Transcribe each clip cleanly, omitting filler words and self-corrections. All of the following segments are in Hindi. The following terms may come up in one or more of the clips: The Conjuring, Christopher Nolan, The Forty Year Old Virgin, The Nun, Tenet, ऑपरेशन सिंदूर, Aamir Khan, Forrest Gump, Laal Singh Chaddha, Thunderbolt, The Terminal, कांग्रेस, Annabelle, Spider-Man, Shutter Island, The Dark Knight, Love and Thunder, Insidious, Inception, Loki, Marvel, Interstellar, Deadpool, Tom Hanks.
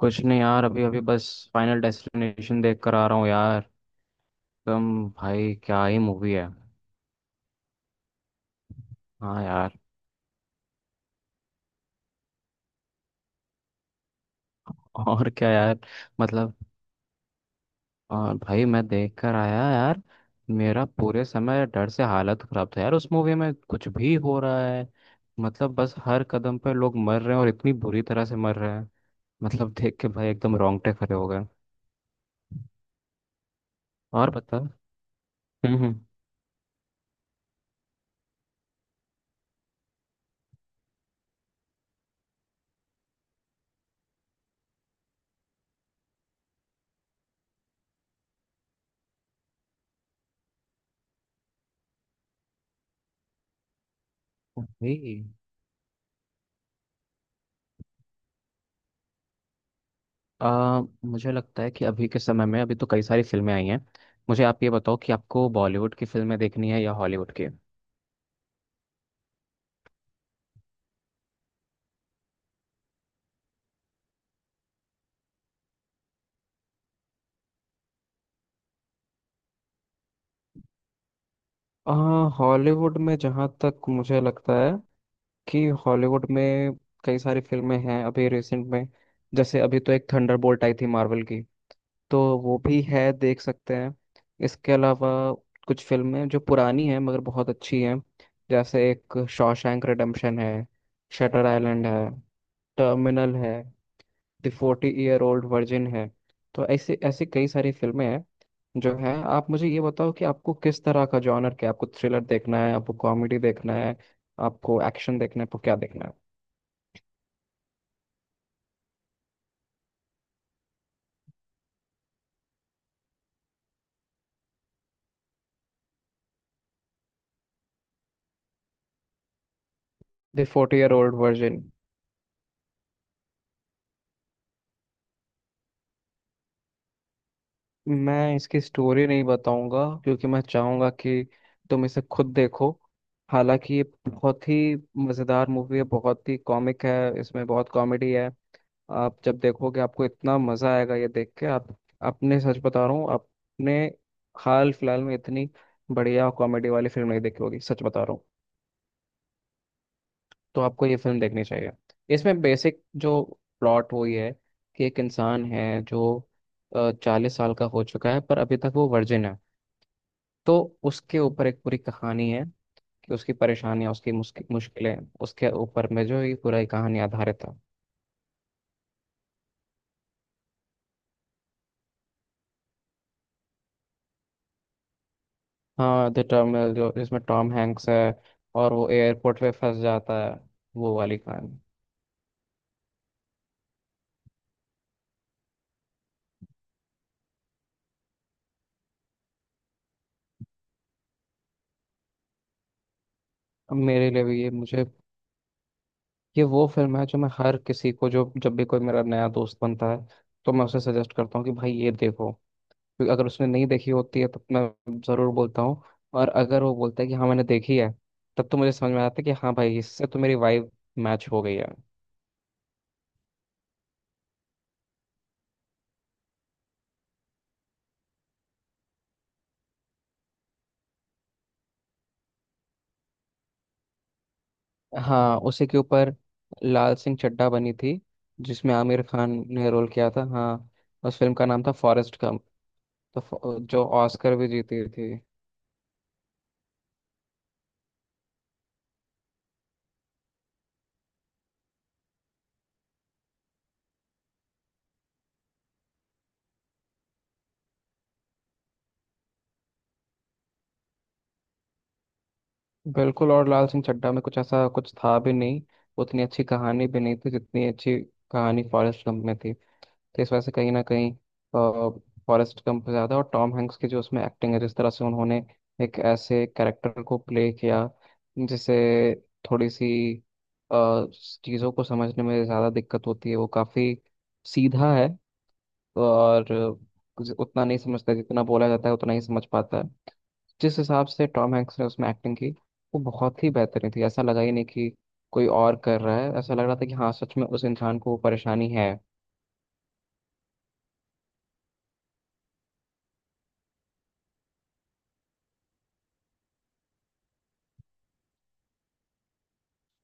कुछ नहीं यार, अभी अभी बस फाइनल डेस्टिनेशन देख कर आ रहा हूँ यार। एकदम भाई क्या ही मूवी है। हाँ यार। और क्या यार। मतलब और भाई मैं देख कर आया यार। मेरा पूरे समय डर से हालत खराब था यार। उस मूवी में कुछ भी हो रहा है। मतलब बस हर कदम पर लोग मर रहे हैं और इतनी बुरी तरह से मर रहे हैं। मतलब देख के भाई एकदम रोंगटे खड़े हो गए। और बता। हम्म हम्म। भाई मुझे लगता है कि अभी के समय में अभी तो कई सारी फिल्में आई हैं। मुझे आप ये बताओ कि आपको बॉलीवुड की फिल्में देखनी है या हॉलीवुड की। हाँ, हॉलीवुड में जहाँ तक मुझे लगता है कि हॉलीवुड में कई सारी फिल्में हैं अभी रिसेंट में। जैसे अभी तो एक थंडरबोल्ट आई थी मार्वल की, तो वो भी है, देख सकते हैं। इसके अलावा कुछ फिल्में जो पुरानी हैं मगर बहुत अच्छी हैं। जैसे एक शॉशैंक रिडेम्पशन है, शटर आइलैंड है, टर्मिनल है, द 40 ईयर ओल्ड वर्जिन है। तो ऐसे ऐसे कई सारी फिल्में हैं जो हैं। आप मुझे ये बताओ कि आपको किस तरह का जॉनर क्या है? आपको थ्रिलर देखना है, आपको कॉमेडी देखना है, आपको एक्शन देखना है, आपको क्या देखना है। The 40 year old virgin. मैं इसकी स्टोरी नहीं बताऊंगा क्योंकि मैं चाहूंगा कि तुम इसे खुद देखो। हालांकि ये बहुत ही मज़ेदार मूवी है, बहुत ही कॉमिक है, इसमें बहुत कॉमेडी है। आप जब देखोगे, आपको इतना मजा आएगा ये देख के। आप, अपने सच बता रहा हूँ, अपने हाल फिलहाल में इतनी बढ़िया कॉमेडी वाली फिल्म नहीं देखी होगी, सच बता रहा हूँ। तो आपको ये फिल्म देखनी चाहिए। इसमें बेसिक जो प्लॉट वो ये है कि एक इंसान है जो 40 साल का हो चुका है पर अभी तक वो वर्जिन है। तो उसके ऊपर एक पूरी कहानी है कि उसकी परेशानियां, उसकी मुश्किल मुश्किलें, उसके ऊपर में जो ये पूरा एक कहानी आधारित है। हाँ, द टर्मिनल, जो जिसमें टॉम हैंक्स है और वो एयरपोर्ट पे फंस जाता है, वो वाली कहानी। अब मेरे लिए भी ये, मुझे ये वो फिल्म है जो मैं हर किसी को, जो जब भी कोई मेरा नया दोस्त बनता है, तो मैं उसे सजेस्ट करता हूँ कि भाई ये देखो। क्योंकि अगर उसने नहीं देखी होती है तो मैं ज़रूर बोलता हूँ। और अगर वो बोलता है कि हाँ मैंने देखी है, तब तो मुझे समझ में आता है कि हाँ भाई इससे तो मेरी वाइब मैच हो गई है। हाँ, उसी के ऊपर लाल सिंह चड्ढा बनी थी, जिसमें आमिर खान ने रोल किया था। हाँ, उस फिल्म का नाम था फॉरेस्ट गंप। तो जो ऑस्कर भी जीती थी। बिल्कुल, और लाल सिंह चड्ढा में कुछ ऐसा कुछ था भी नहीं। उतनी अच्छी कहानी भी नहीं थी जितनी अच्छी कहानी फॉरेस्ट गंप में थी। तो इस वजह से कहीं ना कहीं फॉरेस्ट गंप ज़्यादा, और टॉम हैंक्स की जो उसमें एक्टिंग है, जिस तरह से उन्होंने एक ऐसे कैरेक्टर को प्ले किया जिसे थोड़ी सी चीज़ों को समझने में ज़्यादा दिक्कत होती है, वो काफ़ी सीधा है और कुछ उतना नहीं समझता, जितना बोला जाता है उतना ही समझ पाता है। जिस हिसाब से टॉम हैंक्स ने उसमें एक्टिंग की, वो बहुत ही बेहतरीन थी। ऐसा लगा ही नहीं कि कोई और कर रहा है, ऐसा लग रहा था कि हाँ सच में उस इंसान को वो परेशानी है।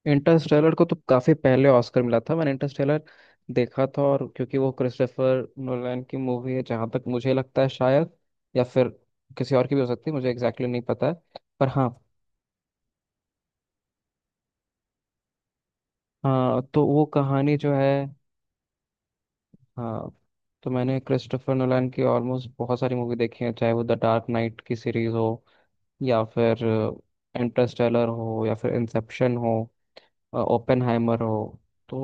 इंटरस्टेलर को तो काफी पहले ऑस्कर मिला था। मैंने इंटरस्टेलर देखा था, और क्योंकि वो क्रिस्टोफर नोलन की मूवी है जहां तक मुझे लगता है, शायद, या फिर किसी और की भी हो सकती है, मुझे एग्जैक्टली exactly नहीं पता है। पर हाँ। हाँ तो वो कहानी जो है। हाँ तो मैंने क्रिस्टोफर नोलन की ऑलमोस्ट बहुत सारी मूवी देखी है, चाहे वो द डार्क नाइट की सीरीज हो, या फिर इंटरस्टेलर हो, या फिर इंसेप्शन हो, ओपेनहाइमर हो। तो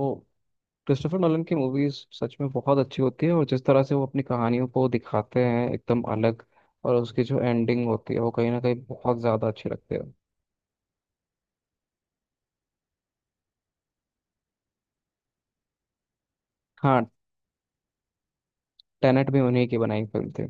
क्रिस्टोफर नॉलन की मूवीज सच में बहुत अच्छी होती है, और जिस तरह से वो अपनी कहानियों को दिखाते हैं एकदम अलग, और उसकी जो एंडिंग होती है वो कहीं ना कहीं बहुत ज़्यादा अच्छी लगती है। हाँ, टेनेट भी उन्हीं की बनाई फिल्म थी।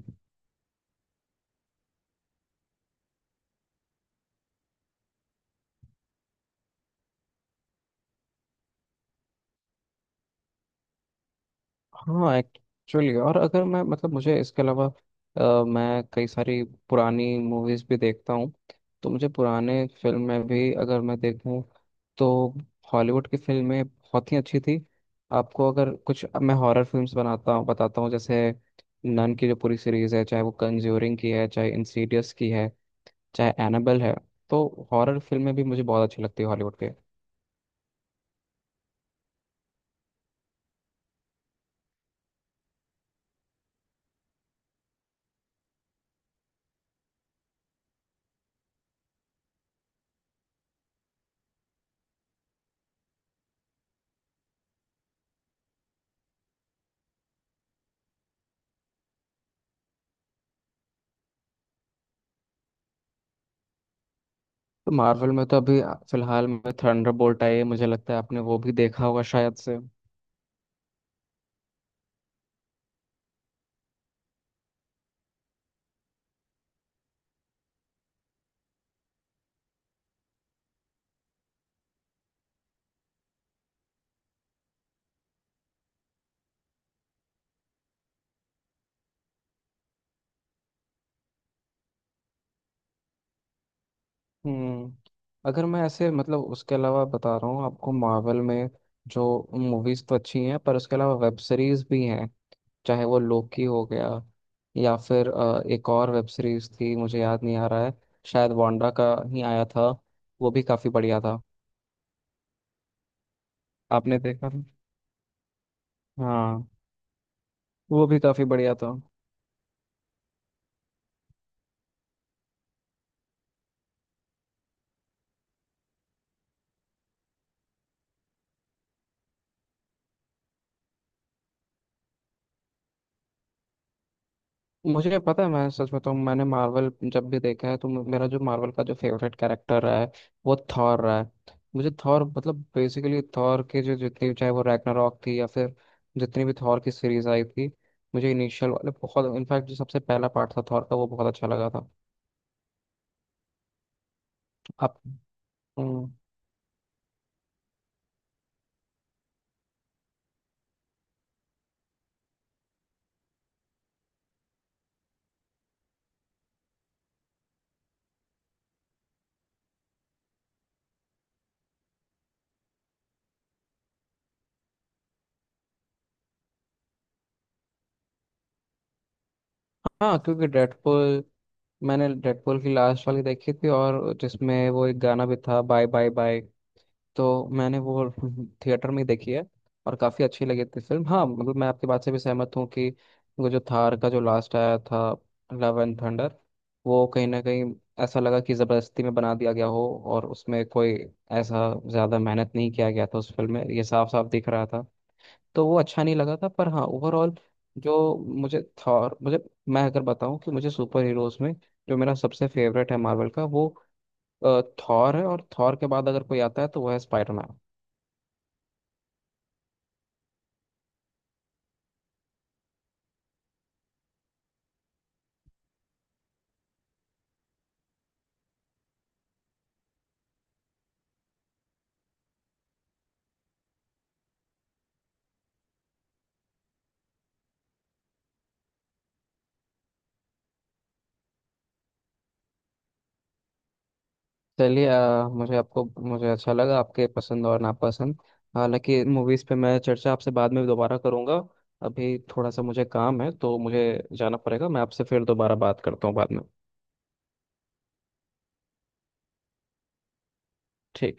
हाँ एक्चुअली। और अगर मैं, मतलब मुझे इसके अलावा, मैं कई सारी पुरानी मूवीज भी देखता हूँ। तो मुझे पुराने फिल्म में भी अगर मैं देखूँ, तो हॉलीवुड की फिल्में बहुत ही अच्छी थी। आपको अगर कुछ, अब मैं हॉरर फिल्म्स बनाता हूँ बताता हूँ, जैसे नन की जो पूरी सीरीज है, चाहे वो कंज्यूरिंग की है, चाहे इंसीडियस की है, चाहे एनाबेल है, तो हॉरर फिल्में भी मुझे बहुत अच्छी लगती है हॉलीवुड के। तो मार्वल में तो अभी फिलहाल में थंडरबोल्ट आई है, मुझे लगता है आपने वो भी देखा होगा शायद से। हम्म। अगर मैं ऐसे, मतलब उसके अलावा बता रहा हूँ आपको, मार्वल में जो मूवीज तो अच्छी हैं, पर उसके अलावा वेब सीरीज भी हैं। चाहे वो लोकी हो गया, या फिर एक और वेब सीरीज थी मुझे याद नहीं आ रहा है। शायद वांडा का ही आया था। वो भी काफी बढ़िया था। आपने देखा था? हाँ, वो भी काफी बढ़िया था। मुझे पता है। मैं सच बताऊं, मैंने मार्वल जब भी देखा है, तो मेरा जो मार्वल का जो फेवरेट कैरेक्टर रहा है वो थॉर रहा है। मुझे थॉर, मतलब बेसिकली थॉर के जो, जितनी चाहे वो रैग्नारॉक थी, या फिर जितनी भी थॉर की सीरीज आई थी, मुझे इनिशियल वाले बहुत, इनफैक्ट जो सबसे पहला पार्ट था थॉर का वो बहुत अच्छा लगा था। आप। हम्म। हाँ क्योंकि डेडपुल, मैंने डेडपुल की लास्ट वाली देखी थी, और जिसमें वो एक गाना भी था, बाय बाय बाय। तो मैंने वो थिएटर में ही देखी है, और काफ़ी अच्छी लगी थी फिल्म। हाँ मतलब मैं आपकी बात से भी सहमत हूँ कि वो जो थार का जो लास्ट आया था, लव एंड थंडर, वो कहीं ना कहीं ऐसा लगा कि ज़बरदस्ती में बना दिया गया हो, और उसमें कोई ऐसा ज़्यादा मेहनत नहीं किया गया था उस फिल्म में, ये साफ साफ दिख रहा था। तो वो अच्छा नहीं लगा था, पर हाँ ओवरऑल, जो मुझे थॉर, मुझे, मैं अगर बताऊं कि मुझे सुपर हीरोज़ में जो मेरा सबसे फेवरेट है मार्वल का, वो थॉर है। और थॉर के बाद अगर कोई आता है तो वो है स्पाइडरमैन। चलिए, मुझे, आपको, मुझे अच्छा लगा आपके पसंद और नापसंद। हालांकि मूवीज़ पे मैं चर्चा आपसे बाद में दोबारा करूँगा। अभी थोड़ा सा मुझे काम है तो मुझे जाना पड़ेगा। मैं आपसे फिर दोबारा बात करता हूँ बाद में। ठीक।